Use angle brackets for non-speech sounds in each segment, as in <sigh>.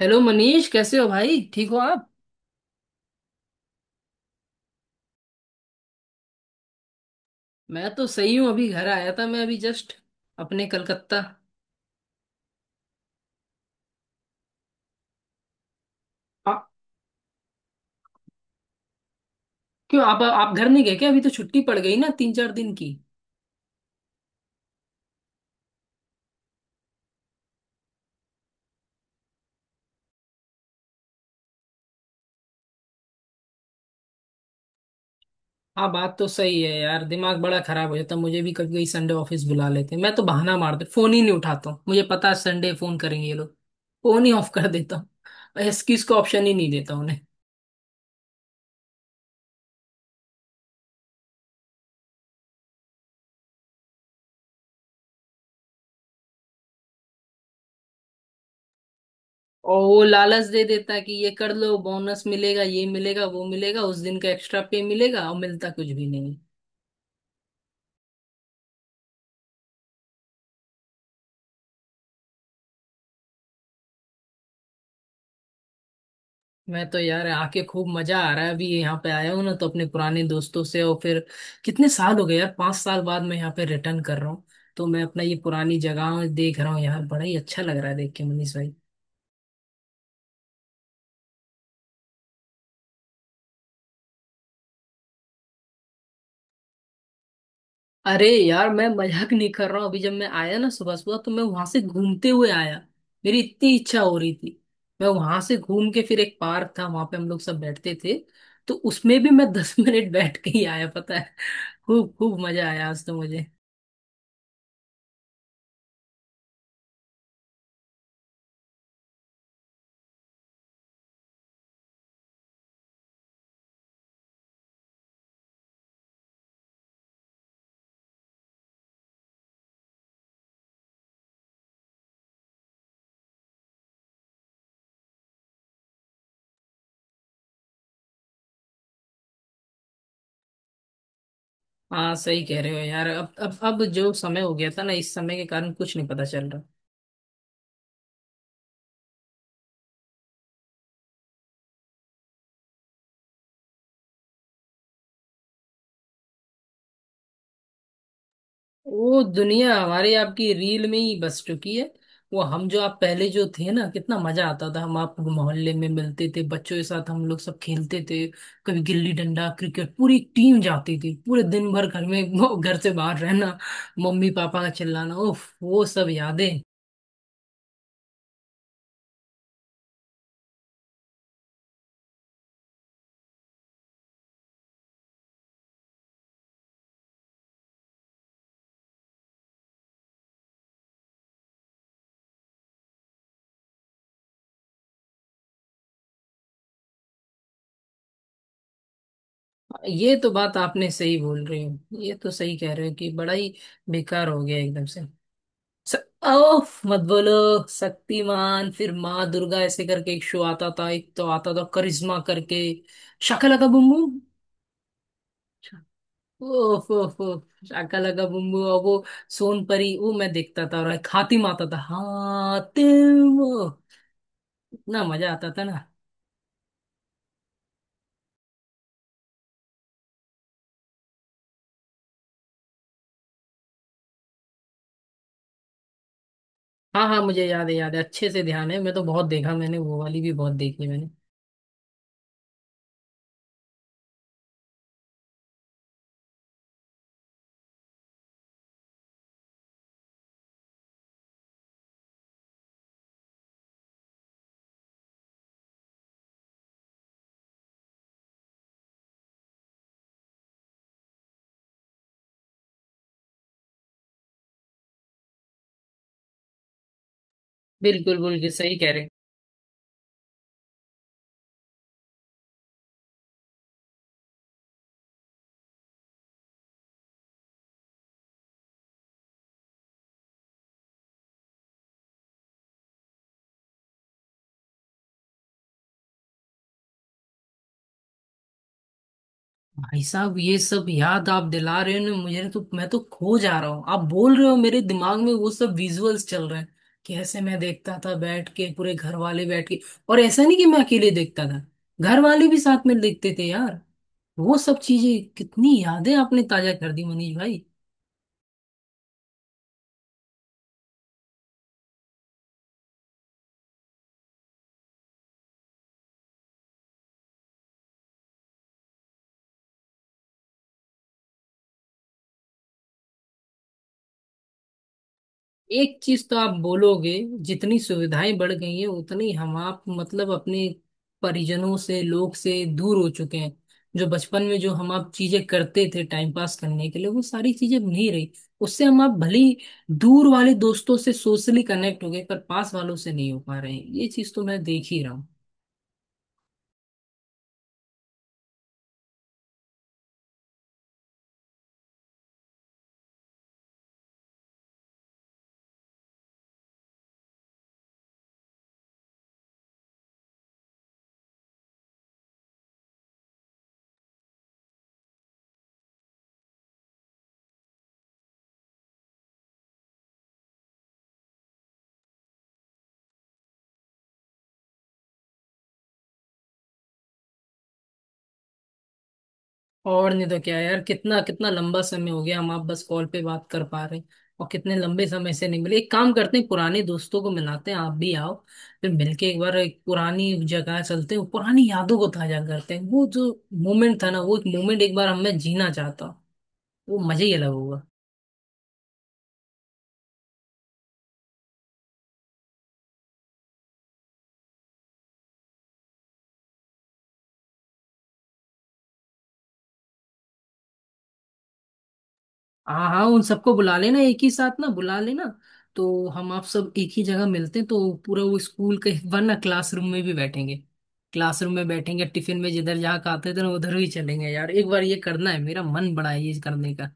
Hello Manish, कैसे हो भाई? ठीक हो आप? मैं तो सही हूँ। अभी घर आया था मैं, अभी जस्ट अपने कलकत्ता। आ, क्यों, आप घर नहीं गए क्या? अभी तो छुट्टी पड़ गई ना, 3 4 दिन की। हाँ, बात तो सही है यार। दिमाग बड़ा खराब हो जाता। मुझे भी कभी कभी संडे ऑफिस बुला लेते हैं। मैं तो बहाना मारते फोन ही नहीं उठाता हूँ। मुझे पता है संडे फोन करेंगे ये लोग। फोन ही ऑफ कर देता हूँ, एक्सक्यूज का ऑप्शन ही नहीं देता उन्हें। और वो लालच दे देता है कि ये कर लो, बोनस मिलेगा, ये मिलेगा, वो मिलेगा, उस दिन का एक्स्ट्रा पे मिलेगा, और मिलता कुछ भी नहीं। मैं तो यार आके खूब मजा आ रहा है। अभी यहाँ पे आया हूँ ना, तो अपने पुराने दोस्तों से। और फिर कितने साल हो गए यार, 5 साल बाद मैं यहाँ पे रिटर्न कर रहा हूँ। तो मैं अपना ये पुरानी जगह देख रहा हूँ यार, बड़ा ही अच्छा लग रहा है देख के, मनीष भाई। अरे यार, मैं मजाक नहीं कर रहा हूँ। अभी जब मैं आया ना सुबह सुबह, तो मैं वहां से घूमते हुए आया, मेरी इतनी इच्छा हो रही थी। मैं वहां से घूम के, फिर एक पार्क था वहां पे हम लोग सब बैठते थे, तो उसमें भी मैं 10 <laughs> मिनट बैठ के ही आया, पता है। खूब खूब मजा आया आज तो मुझे। हाँ, सही कह रहे हो यार। अब जो समय हो गया था ना, इस समय के कारण कुछ नहीं पता चल रहा। वो दुनिया हमारे आपकी रील में ही बस चुकी है। वो हम जो आप पहले जो थे ना, कितना मजा आता था। हम आप मोहल्ले में मिलते थे, बच्चों के साथ हम लोग सब खेलते थे। कभी गिल्ली डंडा, क्रिकेट, पूरी टीम जाती थी। पूरे दिन भर घर में, वो घर से बाहर रहना, मम्मी पापा का चिल्लाना, उफ वो सब यादें। ये तो बात आपने सही बोल रही हो, ये तो सही कह रहे हो कि बड़ा ही बेकार हो गया एकदम से। स- ओह, मत बोलो। शक्तिमान, फिर माँ दुर्गा, ऐसे करके एक शो आता था। एक तो आता था करिश्मा करके। शाका लाका बूम बूम। ओह ओह ओह, शाका लाका बूम बूम। और वो सोन परी, वो मैं देखता था। और एक हातिम आता था, हातिम। इतना मजा आता था ना। हाँ हाँ, मुझे याद है, याद है, अच्छे से ध्यान है। मैं तो बहुत देखा मैंने, वो वाली भी बहुत देखी मैंने। बिल्कुल बिल्कुल, सही कह रहे। भाई साहब, ये सब याद आप दिला रहे हो ना, मुझे तो मैं तो खो जा रहा हूँ। आप बोल रहे हो, मेरे दिमाग में वो सब विजुअल्स चल रहे हैं। कैसे मैं देखता था बैठ के, पूरे घर वाले बैठ के। और ऐसा नहीं कि मैं अकेले देखता था, घर वाले भी साथ में देखते थे यार। वो सब चीजें, कितनी यादें आपने ताजा कर दी मनीष भाई। एक चीज तो आप बोलोगे, जितनी सुविधाएं बढ़ गई हैं, उतनी हम आप मतलब अपने परिजनों से, लोग से दूर हो चुके हैं। जो बचपन में जो हम आप चीजें करते थे टाइम पास करने के लिए, वो सारी चीजें अब नहीं रही। उससे हम आप भले ही दूर वाले दोस्तों से सोशली कनेक्ट हो गए, पर पास वालों से नहीं हो पा रहे हैं। ये चीज तो मैं देख ही रहा हूँ। और नहीं तो क्या यार, कितना कितना लंबा समय हो गया। हम आप बस कॉल पे बात कर पा रहे हैं, और कितने लंबे समय से नहीं मिले। एक काम करते हैं, पुराने दोस्तों को मिलाते हैं, आप भी आओ। फिर मिलके एक बार एक पुरानी जगह चलते हैं, पुरानी यादों को ताजा करते हैं। वो जो मोमेंट था ना, वो एक मोमेंट एक बार हमें जीना चाहता हूँ। वो मजा ही अलग होगा। हाँ हाँ, उन सबको बुला लेना एक ही साथ ना, बुला लेना। तो हम आप सब एक ही जगह मिलते हैं, तो पूरा वो स्कूल के वरना क्लासरूम में भी बैठेंगे। क्लासरूम में बैठेंगे, टिफिन में जिधर जहाँ खाते थे ना, उधर ही चलेंगे यार। एक बार ये करना है, मेरा मन बड़ा है ये करने का।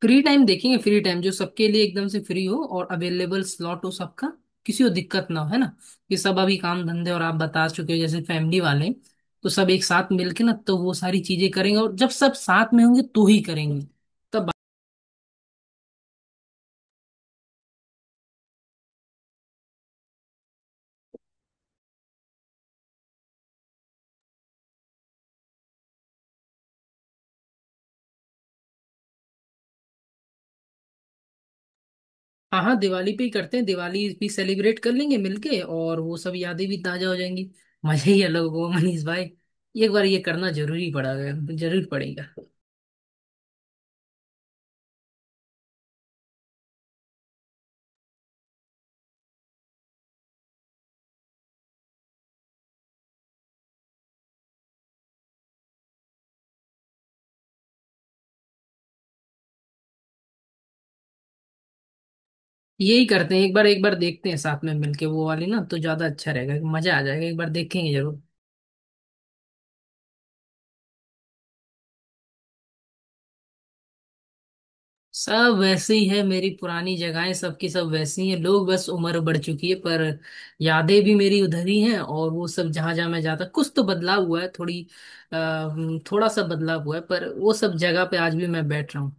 फ्री टाइम देखेंगे, फ्री टाइम जो सबके लिए एकदम से फ्री हो और अवेलेबल स्लॉट हो सबका, किसी को दिक्कत ना हो, है ना। ये सब अभी काम धंधे, और आप बता चुके हो जैसे फैमिली वाले। तो सब एक साथ मिलके ना, तो वो सारी चीजें करेंगे, और जब सब साथ में होंगे तो ही करेंगे तब। हाँ हाँ, दिवाली पे ही करते हैं, दिवाली भी सेलिब्रेट कर लेंगे मिलके, और वो सब यादें भी ताजा हो जाएंगी। मजा ही अलग होगा मनीष भाई। एक बार ये करना जरूरी पड़ा, जरूर पड़ेगा। यही करते हैं, एक बार देखते हैं साथ में मिलके। वो वाली ना तो ज्यादा अच्छा रहेगा, मजा आ जाएगा, एक बार देखेंगे जरूर। सब वैसे ही है, मेरी पुरानी जगहें सबकी सब वैसी हैं, लोग बस उम्र बढ़ चुकी है। पर यादें भी मेरी उधर ही हैं, और वो सब जहां जहां मैं जाता, कुछ तो बदलाव हुआ है, थोड़ी अ, थोड़ा सा बदलाव हुआ है, पर वो सब जगह पे आज भी मैं बैठ रहा हूँ।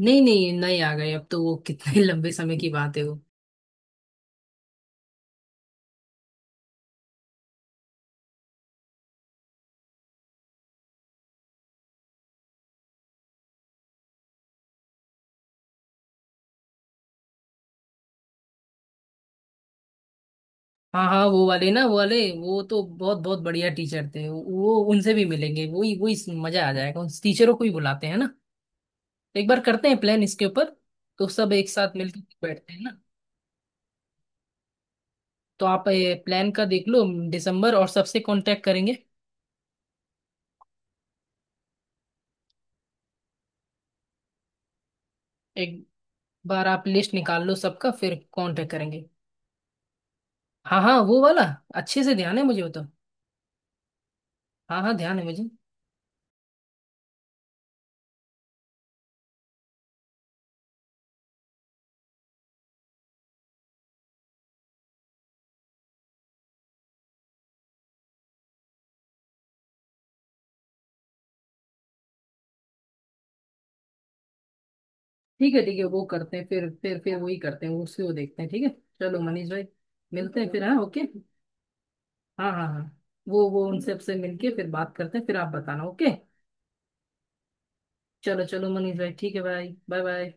नहीं नहीं नहीं आ गए। अब तो वो कितने <laughs> लंबे समय की बात है वो। हाँ हाँ, वो वाले ना, वो वाले, वो तो बहुत बहुत बढ़िया टीचर थे वो। उनसे भी मिलेंगे, वही वही मजा आ जाएगा, उन टीचरों को ही बुलाते हैं ना। एक बार करते हैं प्लान इसके ऊपर, तो सब एक साथ मिलकर बैठते हैं ना। तो आप प्लान का देख लो, दिसंबर, और सबसे कांटेक्ट करेंगे। एक बार आप लिस्ट निकाल लो सबका, फिर कांटेक्ट करेंगे। हाँ हाँ, वो वाला अच्छे से ध्यान है मुझे, वो तो। हाँ हाँ, ध्यान है मुझे। ठीक है ठीक है, वो करते हैं फिर। फिर वही करते हैं, उसी, वो देखते हैं, ठीक है। चलो मनीष भाई, मिलते हैं फिर, हाँ, ओके। हाँ हाँ हाँ, वो उनसे आपसे मिलके फिर बात करते हैं, फिर आप बताना, ओके। चलो चलो मनीष भाई, ठीक है भाई, बाय बाय।